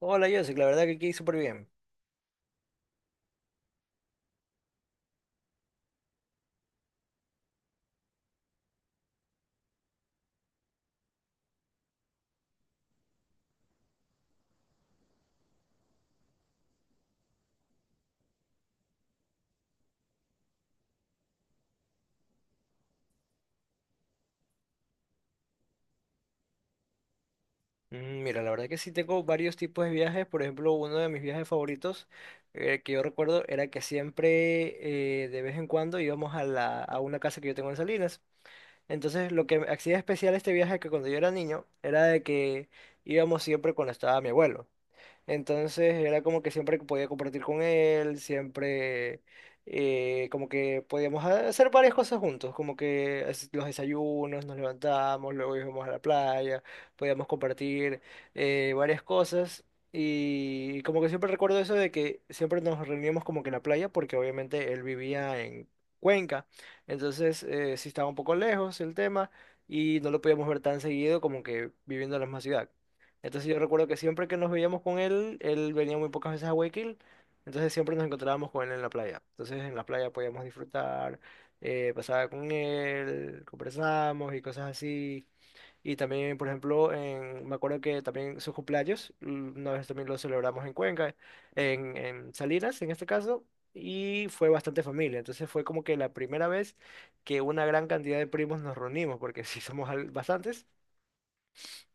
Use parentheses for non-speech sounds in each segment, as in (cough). Hola, Joseph, la verdad que aquí súper bien. Mira, la verdad que sí tengo varios tipos de viajes. Por ejemplo, uno de mis viajes favoritos que yo recuerdo era que siempre, de vez en cuando, íbamos a una casa que yo tengo en Salinas. Entonces, lo que me hacía especial este viaje que cuando yo era niño era de que íbamos siempre cuando estaba mi abuelo. Entonces era como que siempre que podía compartir con él, siempre como que podíamos hacer varias cosas juntos, como que los desayunos, nos levantamos, luego íbamos a la playa, podíamos compartir varias cosas. Y como que siempre recuerdo eso de que siempre nos reuníamos como que en la playa, porque obviamente él vivía en Cuenca, entonces sí estaba un poco lejos el tema y no lo podíamos ver tan seguido como que viviendo en la misma ciudad. Entonces yo recuerdo que siempre que nos veíamos con él, él venía muy pocas veces a Guayaquil, entonces siempre nos encontrábamos con él en la playa. Entonces en la playa podíamos disfrutar, pasaba con él, conversábamos y cosas así. Y también, por ejemplo, me acuerdo que también sus cumpleaños, una vez también lo celebramos en Cuenca, en Salinas en este caso, y fue bastante familia. Entonces fue como que la primera vez que una gran cantidad de primos nos reunimos, porque (laughs) sí somos bastantes.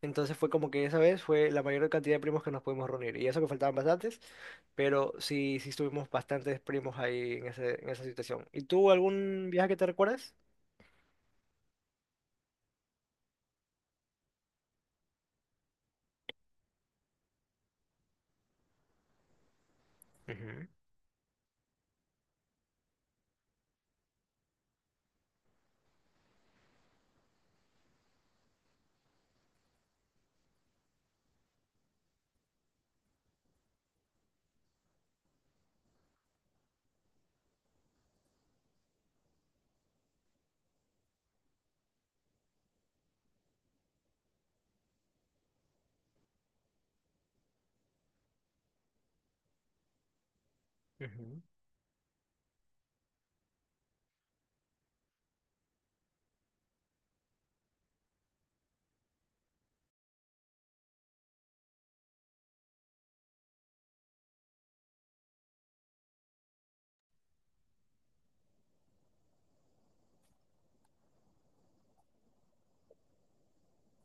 Entonces fue como que esa vez fue la mayor cantidad de primos que nos pudimos reunir. Y eso que faltaban bastantes, pero sí, sí estuvimos bastantes primos ahí en esa situación. ¿Y tú algún viaje que te recuerdas? Ujú, ujú,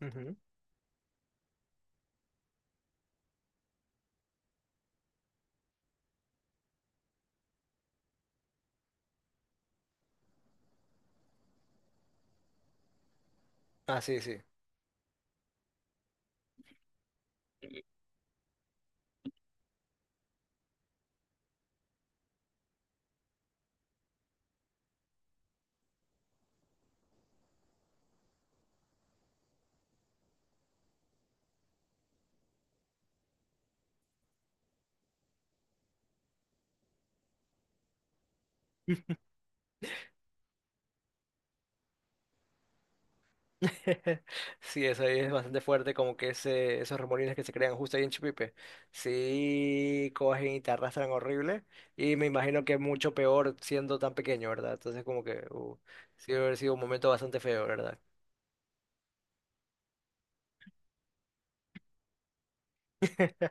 ujú. Ah, sí, sí. (laughs) Sí, eso ahí es bastante fuerte, como que esos remolines que se crean justo ahí en Chipipe. Sí, cogen y te arrastran horrible. Y me imagino que mucho peor siendo tan pequeño, ¿verdad? Entonces como que sí debe haber sido un momento bastante feo, ¿verdad? (laughs)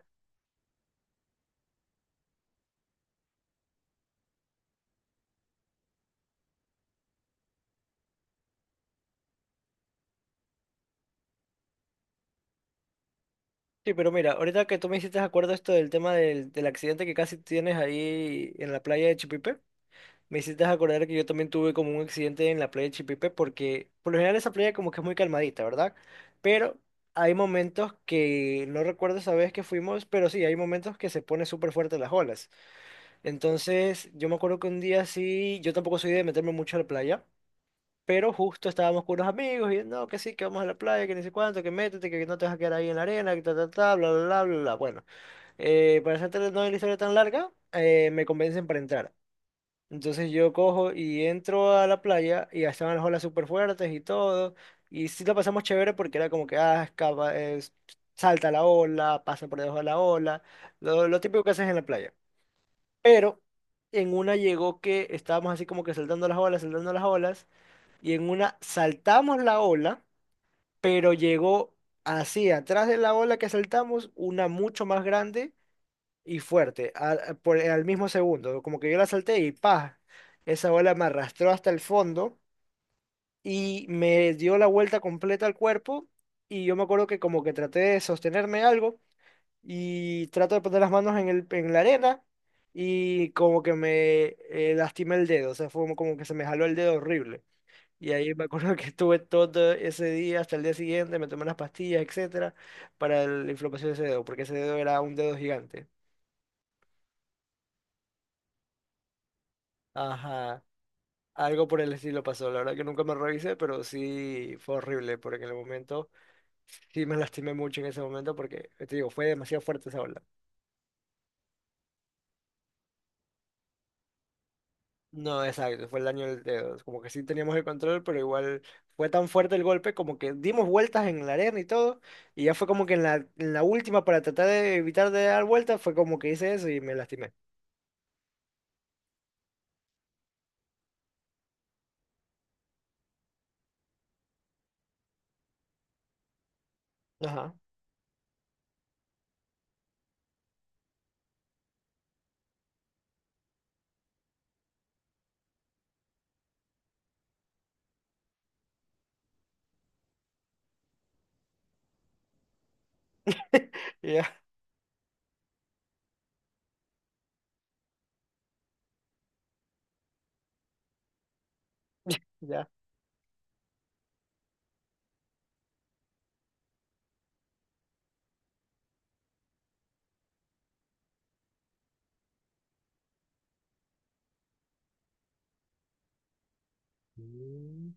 Sí, pero mira, ahorita que tú me hiciste acuerdo esto del tema del accidente que casi tienes ahí en la playa de Chipipe, me hiciste acordar que yo también tuve como un accidente en la playa de Chipipe porque por lo general esa playa como que es muy calmadita, ¿verdad? Pero hay momentos que no recuerdo esa vez que fuimos, pero sí, hay momentos que se pone súper fuerte las olas. Entonces, yo me acuerdo que un día sí, yo tampoco soy de meterme mucho a la playa. Pero justo estábamos con unos amigos y no, que sí, que vamos a la playa, que ni sé cuánto, que métete, que no te vas a quedar ahí en la arena, que ta, ta, ta, bla, bla, bla, bla, bla. Bueno, para hacerte no la historia tan larga, me convencen para entrar. Entonces yo cojo y entro a la playa y ya estaban las olas súper fuertes y todo. Y sí la pasamos chévere porque era como que, ah, escapa, salta la ola, pasa por debajo de la ola, lo típico que haces en la playa. Pero en una llegó que estábamos así como que saltando las olas, y en una saltamos la ola, pero llegó así, atrás de la ola que saltamos, una mucho más grande y fuerte, al mismo segundo. Como que yo la salté y ¡pah! Esa ola me arrastró hasta el fondo y me dio la vuelta completa al cuerpo. Y yo me acuerdo que como que traté de sostenerme algo y trato de poner las manos en la arena y como que me lastimé el dedo. O sea, fue como que se me jaló el dedo horrible. Y ahí me acuerdo (laughs) que estuve todo ese día hasta el día siguiente, me tomé unas pastillas, etcétera, para la inflamación de ese dedo, porque ese dedo era un dedo gigante. Ajá. Algo por el estilo pasó, la verdad que nunca me revisé, pero sí fue horrible, porque en el momento sí me (laughs) lastimé mucho en ese momento, porque te digo, fue demasiado fuerte esa ola. No, exacto, fue el daño del dedo, como que sí teníamos el control, pero igual fue tan fuerte el golpe, como que dimos vueltas en la arena y todo, y ya fue como que en la última, para tratar de evitar de dar vueltas, fue como que hice eso y me lastimé. Ajá, (laughs) ya, ya. Mm.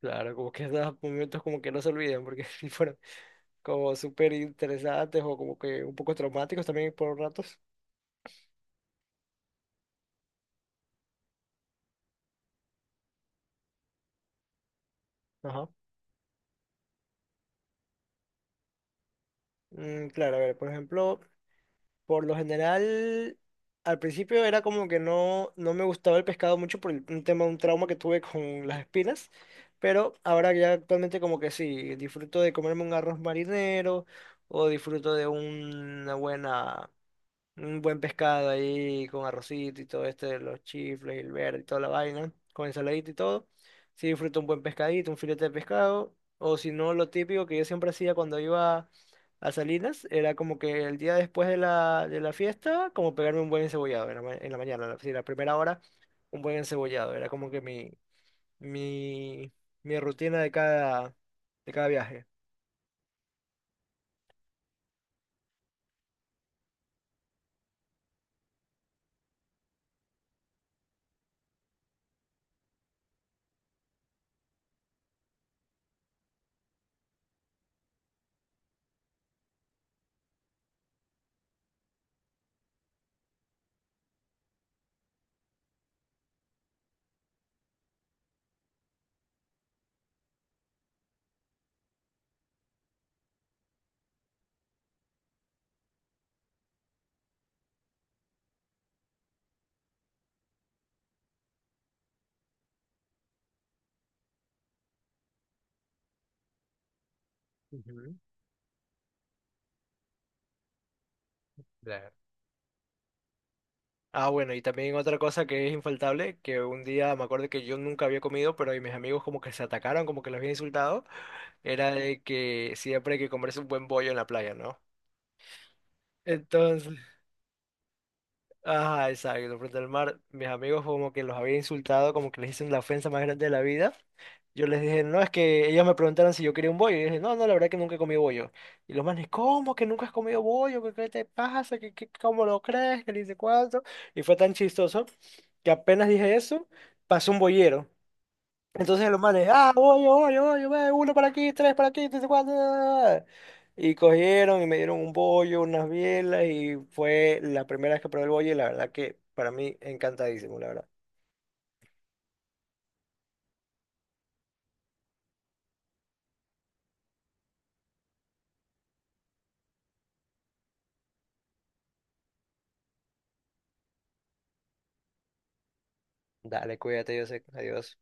Claro, como que esos momentos como que no se olvidan porque (laughs) sí fueron como súper interesantes o como que un poco traumáticos también por ratos. Ajá. Mm, claro, a ver, por ejemplo, por lo general, al principio era como que no, no me gustaba el pescado mucho un tema, un trauma que tuve con las espinas, pero ahora ya actualmente como que sí, disfruto de comerme un arroz marinero o disfruto de una buena... Un buen pescado ahí con arrocito y todo esto de los chifles y el verde y toda la vaina, con ensaladita y todo. Sí disfruto un buen pescadito, un filete de pescado. O si no, lo típico que yo siempre hacía cuando iba a Salinas era como que el día después de la fiesta, como pegarme un buen encebollado en la mañana, sí, la primera hora, un buen encebollado. Era como que mi, mi rutina de de cada viaje. Ujú. Ah, bueno, y también otra cosa que es infaltable, que un día me acuerdo que yo nunca había comido, pero y mis amigos como que se atacaron, como que los había insultado, era de que siempre hay que comerse un buen bollo en la playa, ¿no? Entonces, ajá, exacto, frente al mar. Mis amigos como que los había insultado, como que les hice la ofensa más grande de la vida. Yo les dije, no, es que ellos me preguntaron si yo quería un bollo. Y yo dije, no, no, la verdad que nunca he comido bollo. Y los manes, ¿cómo que nunca has comido bollo? ¿Qué, qué te pasa? ¿Qué, qué- cómo lo crees? ¿Qué le dice cuánto? Y fue tan chistoso que apenas dije eso, pasó un bollero. Entonces los manes, ah, voy, voy, voy, voy, uno para aquí, tres, cuatro. Y cogieron y me dieron un bollo, unas bielas, y fue la primera vez que probé el bollo, y la verdad que para mí encantadísimo, la verdad. Dale, cuídate, yo sé, adiós.